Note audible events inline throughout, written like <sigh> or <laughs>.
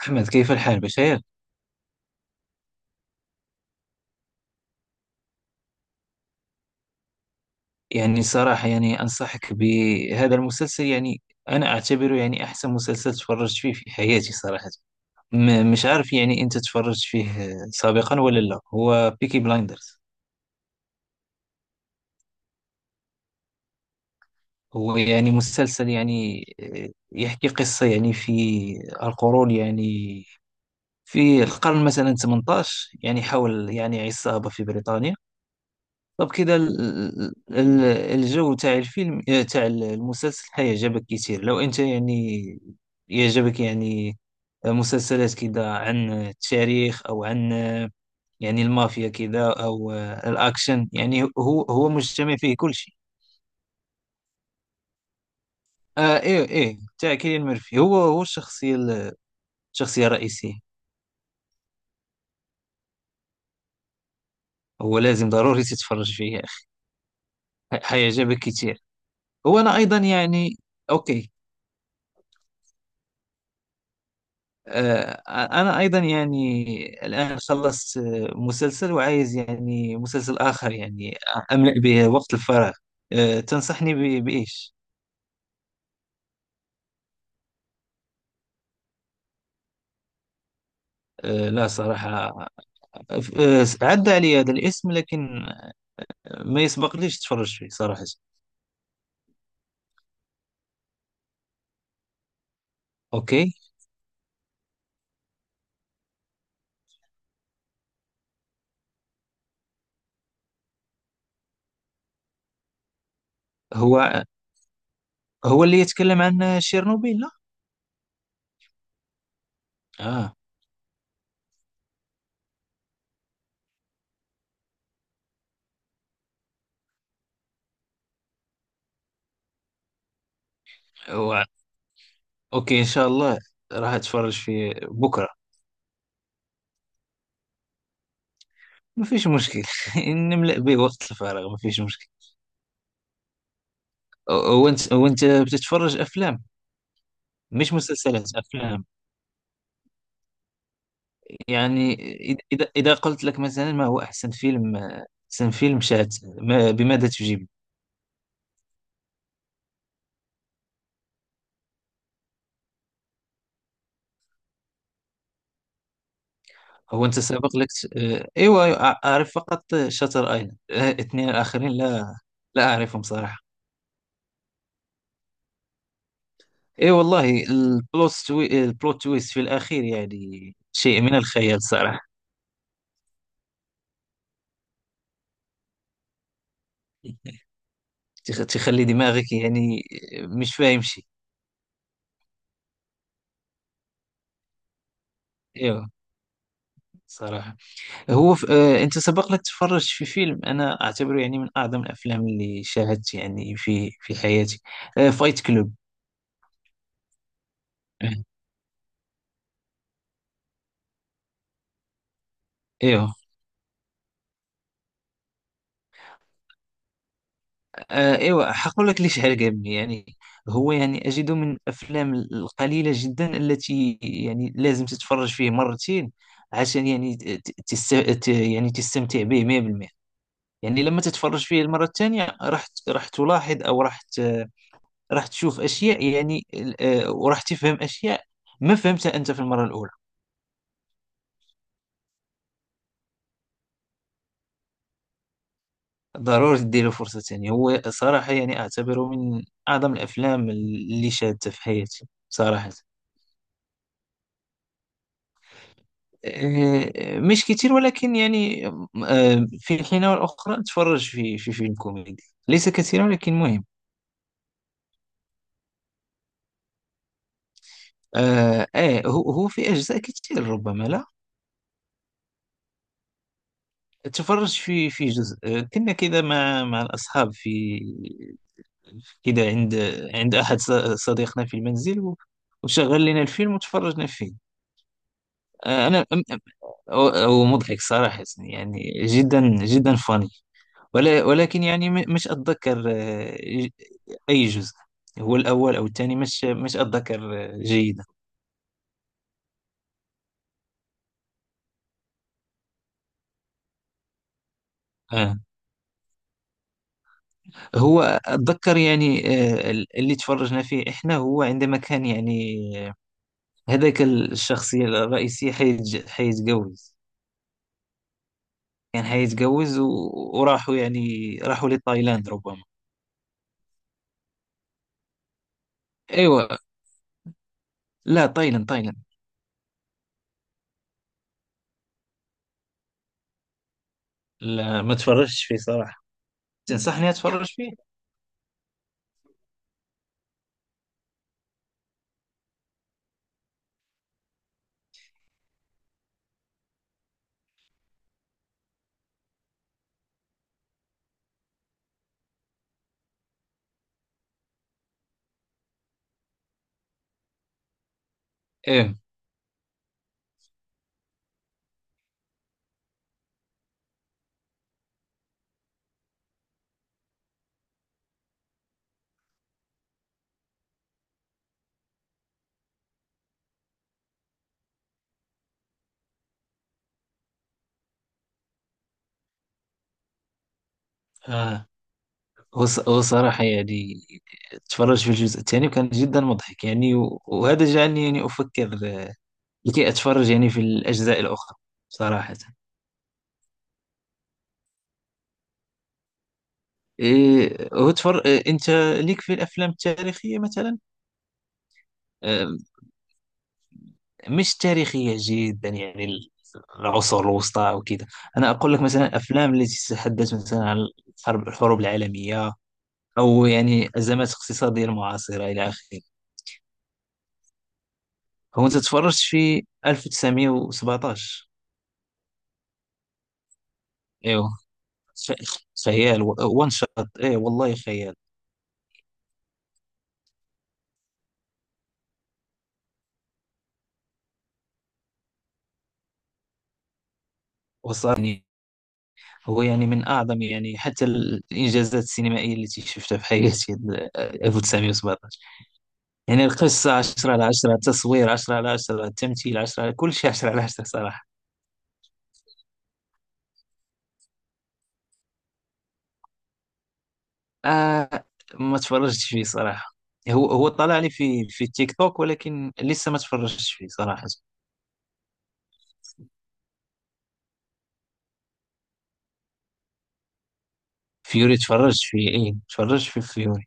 أحمد، كيف الحال؟ بخير؟ يعني صراحة يعني أنصحك بهذا المسلسل. يعني أنا أعتبره يعني أحسن مسلسل تفرجت فيه في حياتي صراحة. مش عارف يعني أنت تفرجت فيه سابقا ولا لا. هو بيكي بلايندرز. هو يعني مسلسل يعني يحكي قصة يعني في القرون يعني، في القرن مثلا 18، يعني حول يعني عصابة في بريطانيا. طب كده الجو تاع الفيلم تاع المسلسل حيعجبك كتير لو انت يعني يعجبك يعني مسلسلات كده عن التاريخ او عن يعني المافيا كده او الاكشن. يعني هو مجتمع فيه كل شيء. آه، ايه تاع كيليان ميرفي. هو الشخصية الشخصية الرئيسية. هو لازم ضروري تتفرج فيه يا أخي، حيعجبك كتير. هو انا ايضا يعني، اوكي. أنا أيضا يعني الآن خلصت مسلسل وعايز يعني مسلسل آخر يعني أملأ به وقت الفراغ. تنصحني بإيش؟ لا صراحة، آه، عدى علي هذا الاسم لكن ما يسبق ليش تفرج فيه صراحة. أوكي. هو هو اللي يتكلم عن شيرنوبيل، لا؟ آه. هو أوكي، إن شاء الله راح أتفرج فيه بكرة. ما فيش مشكل. <laughs> نملأ به وقت الفراغ، ما فيش مشكل. وأنت بتتفرج أفلام، مش مسلسلات؟ أفلام يعني. إذا قلت لك مثلا ما هو أحسن فيلم، أحسن فيلم شات ما، بماذا تجيب؟ هو أنت سابق لك؟ آه، أيوة أيوة، أعرف فقط شاتر أيلاند. اثنين الآخرين لا، لا أعرفهم صراحة. أي أيوة، والله البلوت تويست في الأخير يعني شيء من الخيال صراحة. تخلي دماغك يعني مش فاهم شيء. أيوة. صراحة، انت سبق لك تفرجت في فيلم انا اعتبره يعني من اعظم الافلام اللي شاهدت يعني في حياتي؟ فايت كلوب. ايوه. ايوه، حقول لك ليش عجبني يعني. هو يعني اجده من الافلام القليله جدا التي يعني لازم تتفرج فيه مرتين عشان يعني يعني تستمتع به 100%. يعني لما تتفرج فيه المره الثانيه راح راح تلاحظ، او راح تشوف اشياء يعني وراح تفهم اشياء ما فهمتها انت في المره الاولى. ضروري تديله فرصة تانية. هو صراحة يعني أعتبره من أعظم الأفلام اللي شاهدتها في حياتي صراحة. مش كتير ولكن يعني في الحين والأخرى أتفرج في فيلم كوميدي، ليس كثيرا ولكن مهم. آه. هو في أجزاء كتير ربما. لا، تفرج في جزء كنا كذا مع الأصحاب في كذا، عند عند أحد صديقنا في المنزل وشغل لنا الفيلم وتفرجنا فيه. انا هو مضحك صراحة، يعني جدا جدا فاني. ولكن يعني مش اتذكر اي جزء. هو الاول او الثاني، مش اتذكر جيدا. آه. هو اتذكر يعني اللي تفرجنا فيه احنا هو عندما كان يعني آه، هذاك الشخصية الرئيسية حيتجوز. كان حيتجوز وراحوا يعني راحوا لتايلاند ربما. ايوه. لا، تايلاند تايلاند. لا، ما تفرجتش فيه صراحة. تنصحني اتفرج فيه؟ ايه. آه. هو صراحة يعني اتفرج في الجزء الثاني وكان جدا مضحك يعني، وهذا جعلني يعني افكر لكي اتفرج يعني في الاجزاء الاخرى. صراحة، إيه انت ليك في الافلام التاريخية مثلا؟ آه، مش تاريخية جدا يعني العصور الوسطى او كذا. انا اقول لك مثلا افلام التي تتحدث مثلا عن الحروب العالمية، او يعني ازمات اقتصادية المعاصرة الى اخره. هو انت تفرجت في 1917؟ ايوه. ف- خيال. وان شوت، ايه والله خيال. وصلني. هو يعني من اعظم يعني حتى الانجازات السينمائيه التي شفتها في حياتي، 1917. يعني القصه 10 على 10، التصوير 10 على 10، التمثيل 10 على كل شيء، 10 على 10 صراحه. آه، ما تفرجتش فيه صراحه. هو طلع لي في تيك توك، ولكن لسه ما تفرجتش فيه صراحه. فيوري؟ تفرجت فيه، ايه تفرجت في فيوري.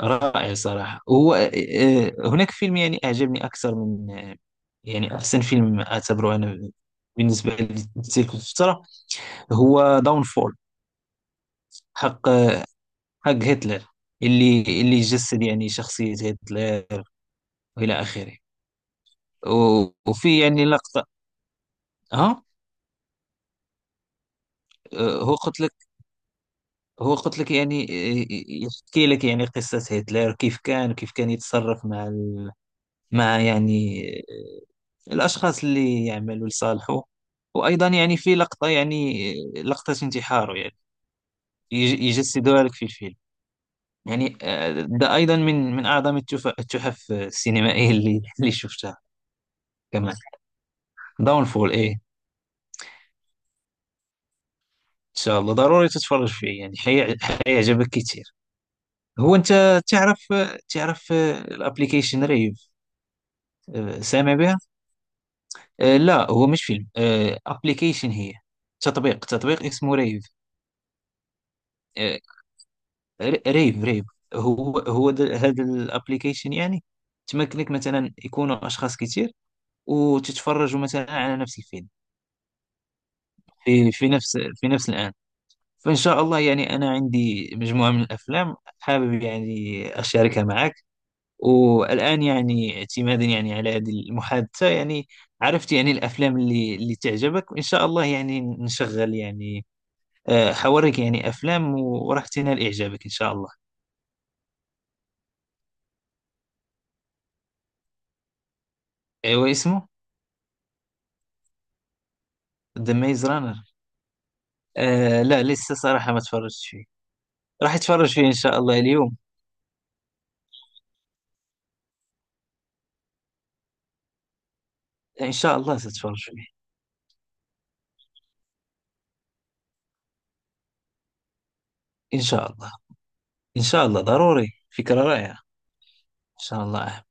رائع صراحة. هو هناك فيلم يعني أعجبني أكثر من يعني أحسن فيلم أعتبره أنا بالنسبة لتلك الفترة، هو داون فول. حق، حق هتلر، اللي جسد يعني شخصية هتلر وإلى آخره. وفي يعني لقطة، ها. آه، هو قلت لك هو قلت لك يعني يحكي لك يعني قصة هتلر، كيف كان يتصرف مع مع يعني الأشخاص اللي يعملوا لصالحه. وأيضا يعني في لقطة يعني لقطة انتحاره يعني يجسدوها لك في الفيلم. يعني ده أيضا من أعظم التحف السينمائية اللي شفتها كمان. داونفول. إيه، إن شاء الله ضروري تتفرج فيه يعني حيعجبك كتير. هو أنت تعرف، الابليكيشن ريف؟ سامع بها؟ لا هو مش فيلم. ابليكيشن، هي تطبيق، اسمه ريف. آه، ريب، ريب. هو هذا الابليكيشن يعني تمكنك مثلا يكونوا اشخاص كتير وتتفرجوا مثلا على نفس الفيلم في نفس، في نفس الان. فان شاء الله يعني انا عندي مجموعه من الافلام، حابب يعني اشاركها معك. والان يعني اعتمادا يعني على هذه المحادثه يعني عرفت يعني الافلام اللي تعجبك، وان شاء الله يعني نشغل يعني حوريك يعني افلام وراح تنال اعجابك ان شاء الله. ايوا، اسمه؟ ذا ميز رانر؟ آه لا، لسه صراحة ما تفرجت فيه. راح اتفرج فيه ان شاء الله اليوم. ان شاء الله ستفرج فيه. ان شاء الله، ان شاء الله، ضروري، فكرة رائعة ان شاء الله.